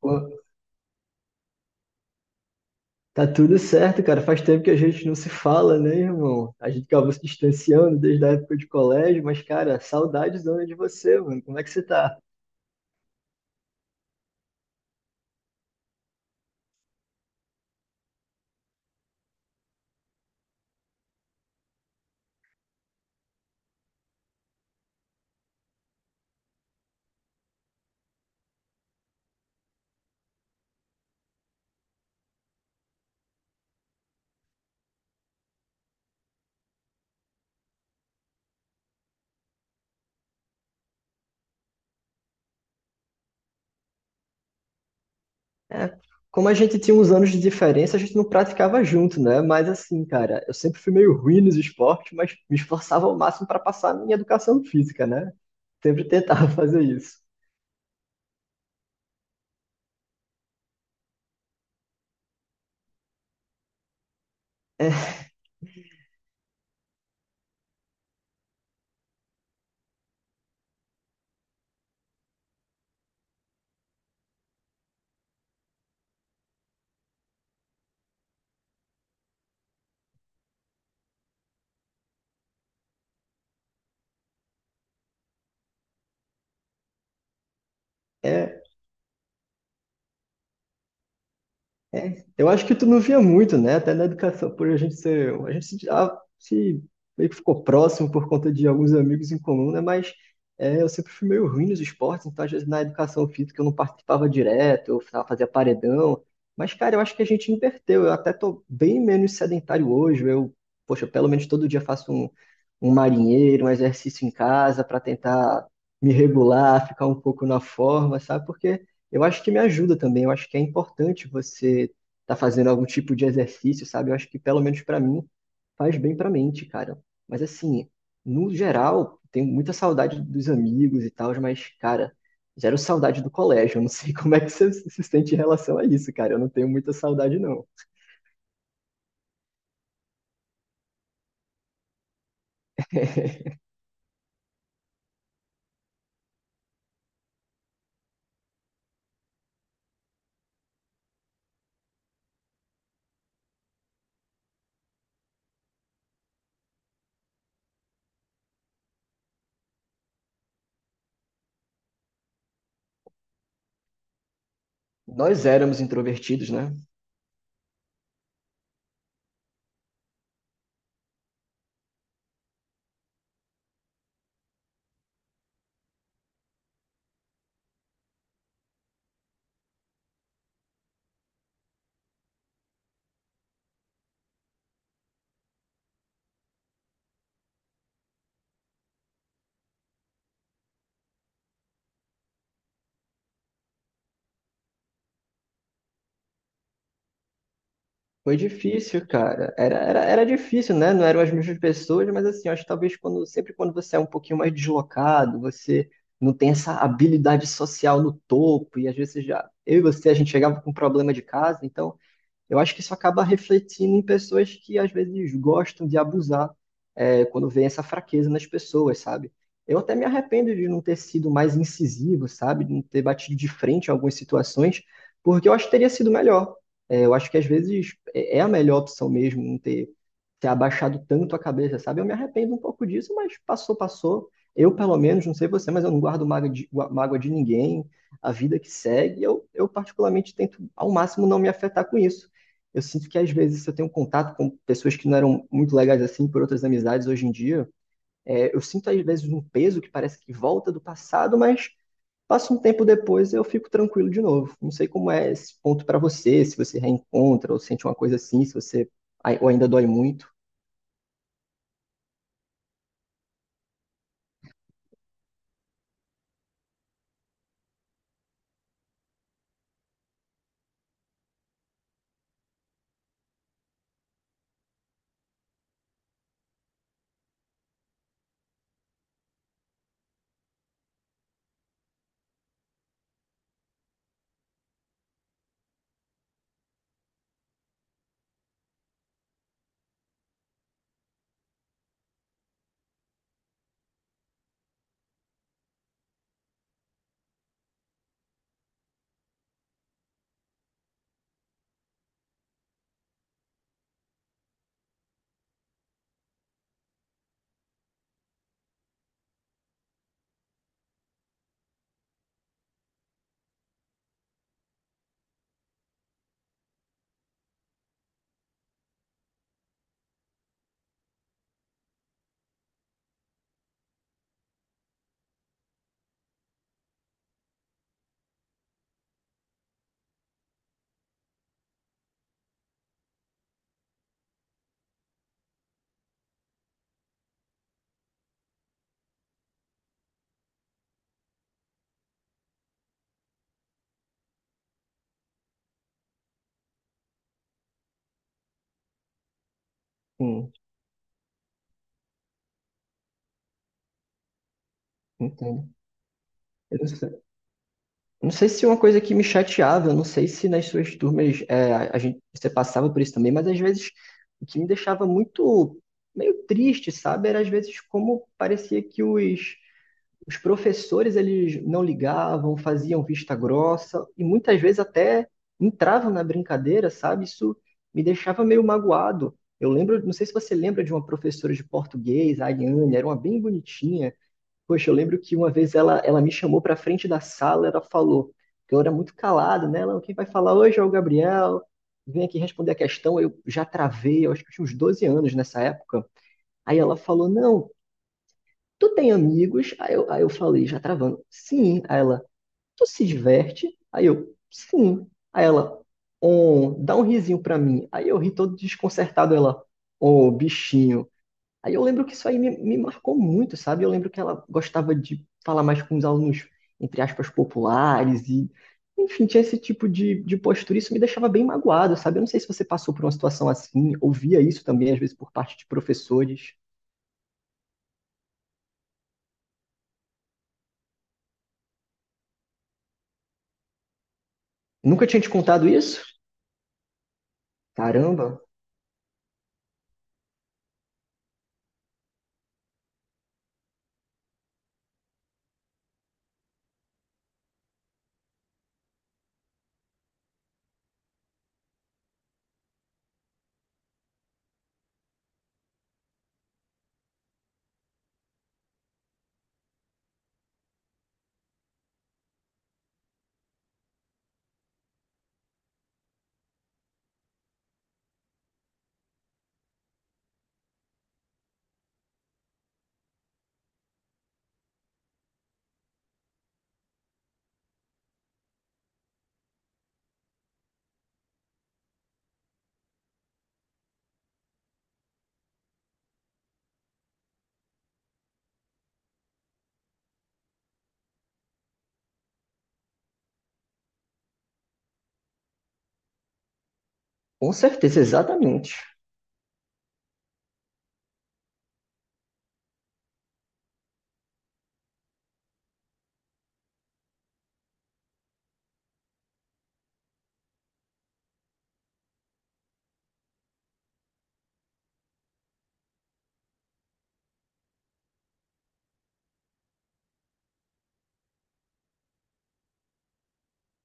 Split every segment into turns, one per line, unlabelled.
Pô, tá tudo certo, cara. Faz tempo que a gente não se fala, né, irmão? A gente acabou se distanciando desde a época de colégio, mas, cara, saudades dona de você, mano. Como é que você tá? É, como a gente tinha uns anos de diferença, a gente não praticava junto, né? Mas assim, cara, eu sempre fui meio ruim nos esportes, mas me esforçava ao máximo pra passar a minha educação física, né? Sempre tentava fazer isso. É, É, eu acho que tu não via muito, né? Até na educação, por a gente ser, a gente se, se meio que ficou próximo por conta de alguns amigos em comum, né? Mas é, eu sempre fui meio ruim nos esportes, então às vezes na educação física eu não participava direto, fazia paredão. Mas, cara, eu acho que a gente inverteu. Eu até tô bem menos sedentário hoje. Eu, poxa, pelo menos todo dia um marinheiro, um exercício em casa para tentar me regular, ficar um pouco na forma, sabe? Porque eu acho que me ajuda também. Eu acho que é importante você estar fazendo algum tipo de exercício, sabe? Eu acho que, pelo menos para mim, faz bem para a mente, cara. Mas, assim, no geral, tenho muita saudade dos amigos e tal, mas, cara, zero saudade do colégio. Eu não sei como é que você se sente em relação a isso, cara. Eu não tenho muita saudade, não. Nós éramos introvertidos, né? Foi difícil, cara. Era difícil, né? Não eram as mesmas pessoas, mas assim, eu acho que talvez quando, sempre quando você é um pouquinho mais deslocado, você não tem essa habilidade social no topo, e às vezes já. Eu e você, a gente chegava com um problema de casa, então. Eu acho que isso acaba refletindo em pessoas que às vezes gostam de abusar, é, quando vem essa fraqueza nas pessoas, sabe? Eu até me arrependo de não ter sido mais incisivo, sabe? De não ter batido de frente em algumas situações, porque eu acho que teria sido melhor. É, eu acho que às vezes é a melhor opção mesmo não ter, ter abaixado tanto a cabeça, sabe? Eu me arrependo um pouco disso, mas passou, passou. Eu, pelo menos, não sei você, mas eu não guardo mágoa de ninguém. A vida que segue, eu particularmente tento ao máximo não me afetar com isso. Eu sinto que às vezes eu tenho um contato com pessoas que não eram muito legais assim por outras amizades hoje em dia. É, eu sinto às vezes um peso que parece que volta do passado, mas passa um tempo depois eu fico tranquilo de novo. Não sei como é esse ponto para você, se você reencontra ou sente uma coisa assim, se você ou ainda dói muito. Hum, entendo. Eu não sei Não sei se é uma coisa que me chateava, eu não sei se nas suas turmas é, a gente, você passava por isso também, mas às vezes o que me deixava muito meio triste, sabe? Era às vezes como parecia que os professores eles não ligavam, faziam vista grossa e muitas vezes até entravam na brincadeira, sabe? Isso me deixava meio magoado. Eu lembro, não sei se você lembra de uma professora de português, a Ariane, era uma bem bonitinha. Poxa, eu lembro que uma vez ela me chamou para frente da sala, ela falou, que eu era muito calado, né? Ela, quem vai falar hoje é o Gabriel, vem aqui responder a questão. Eu já travei, eu acho que eu tinha uns 12 anos nessa época. Aí ela falou, não, tu tem amigos? Aí eu falei, já travando, sim. Aí ela, tu se diverte? Aí eu, sim. Aí ela, oh, dá um risinho pra mim. Aí eu ri todo desconcertado, ela, ô, bichinho. Aí eu lembro que me marcou muito, sabe? Eu lembro que ela gostava de falar mais com os alunos, entre aspas, populares e, enfim, tinha esse tipo de postura. Isso me deixava bem magoado, sabe? Eu não sei se você passou por uma situação assim, ouvia isso também, às vezes, por parte de professores. Nunca tinha te contado isso? Caramba, com certeza, exatamente.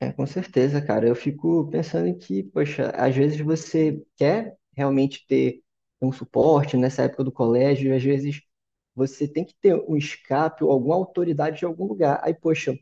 É, com certeza, cara. Eu fico pensando em que, poxa, às vezes você quer realmente ter um suporte nessa época do colégio, e às vezes você tem que ter um escape ou alguma autoridade de algum lugar. Aí, poxa,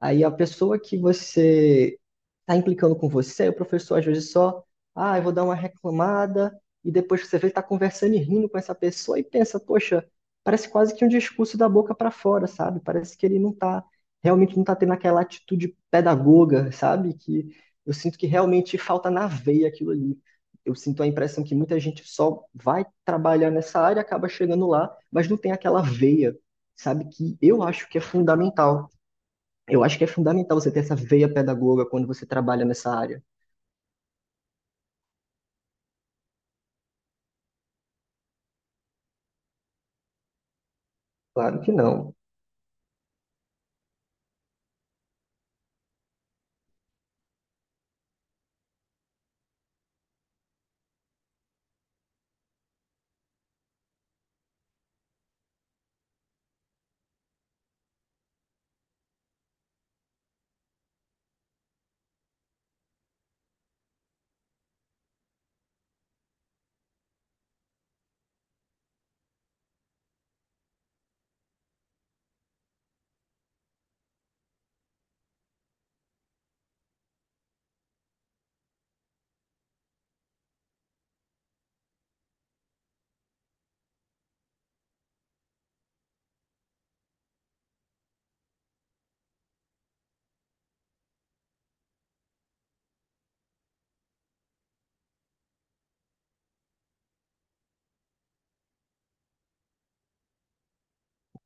Aí a pessoa que você está implicando com você, o professor às vezes só, ah, eu vou dar uma reclamada, e depois que você vê, está conversando e rindo com essa pessoa e pensa, poxa, parece quase que um discurso da boca para fora, sabe? Parece que ele não está, realmente não está tendo aquela atitude pedagoga, sabe? Que eu sinto que realmente falta na veia aquilo ali. Eu sinto a impressão que muita gente só vai trabalhar nessa área, acaba chegando lá, mas não tem aquela veia, sabe? Que eu acho que é fundamental. Eu acho que é fundamental você ter essa veia pedagoga quando você trabalha nessa área. Claro que não.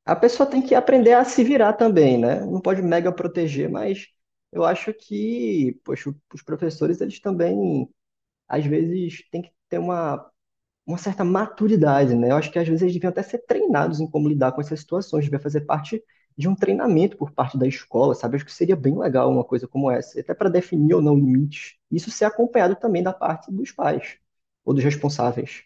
A pessoa tem que aprender a se virar também, né? Não pode mega proteger, mas eu acho que, poxa, os professores, eles também, às vezes, têm que ter uma certa maturidade, né? Eu acho que, às vezes, eles deviam até ser treinados em como lidar com essas situações, devia fazer parte de um treinamento por parte da escola, sabe? Acho que seria bem legal uma coisa como essa, até para definir ou não limites. Isso ser acompanhado também da parte dos pais ou dos responsáveis.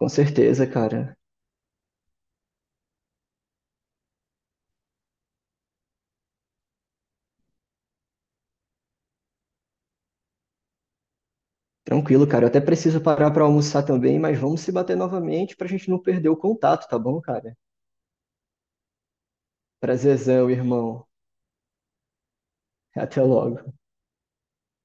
Com certeza, cara. Tranquilo, cara. Eu até preciso parar pra almoçar também, mas vamos se bater novamente pra gente não perder o contato, tá bom, cara? Prazerzão, irmão. Até logo.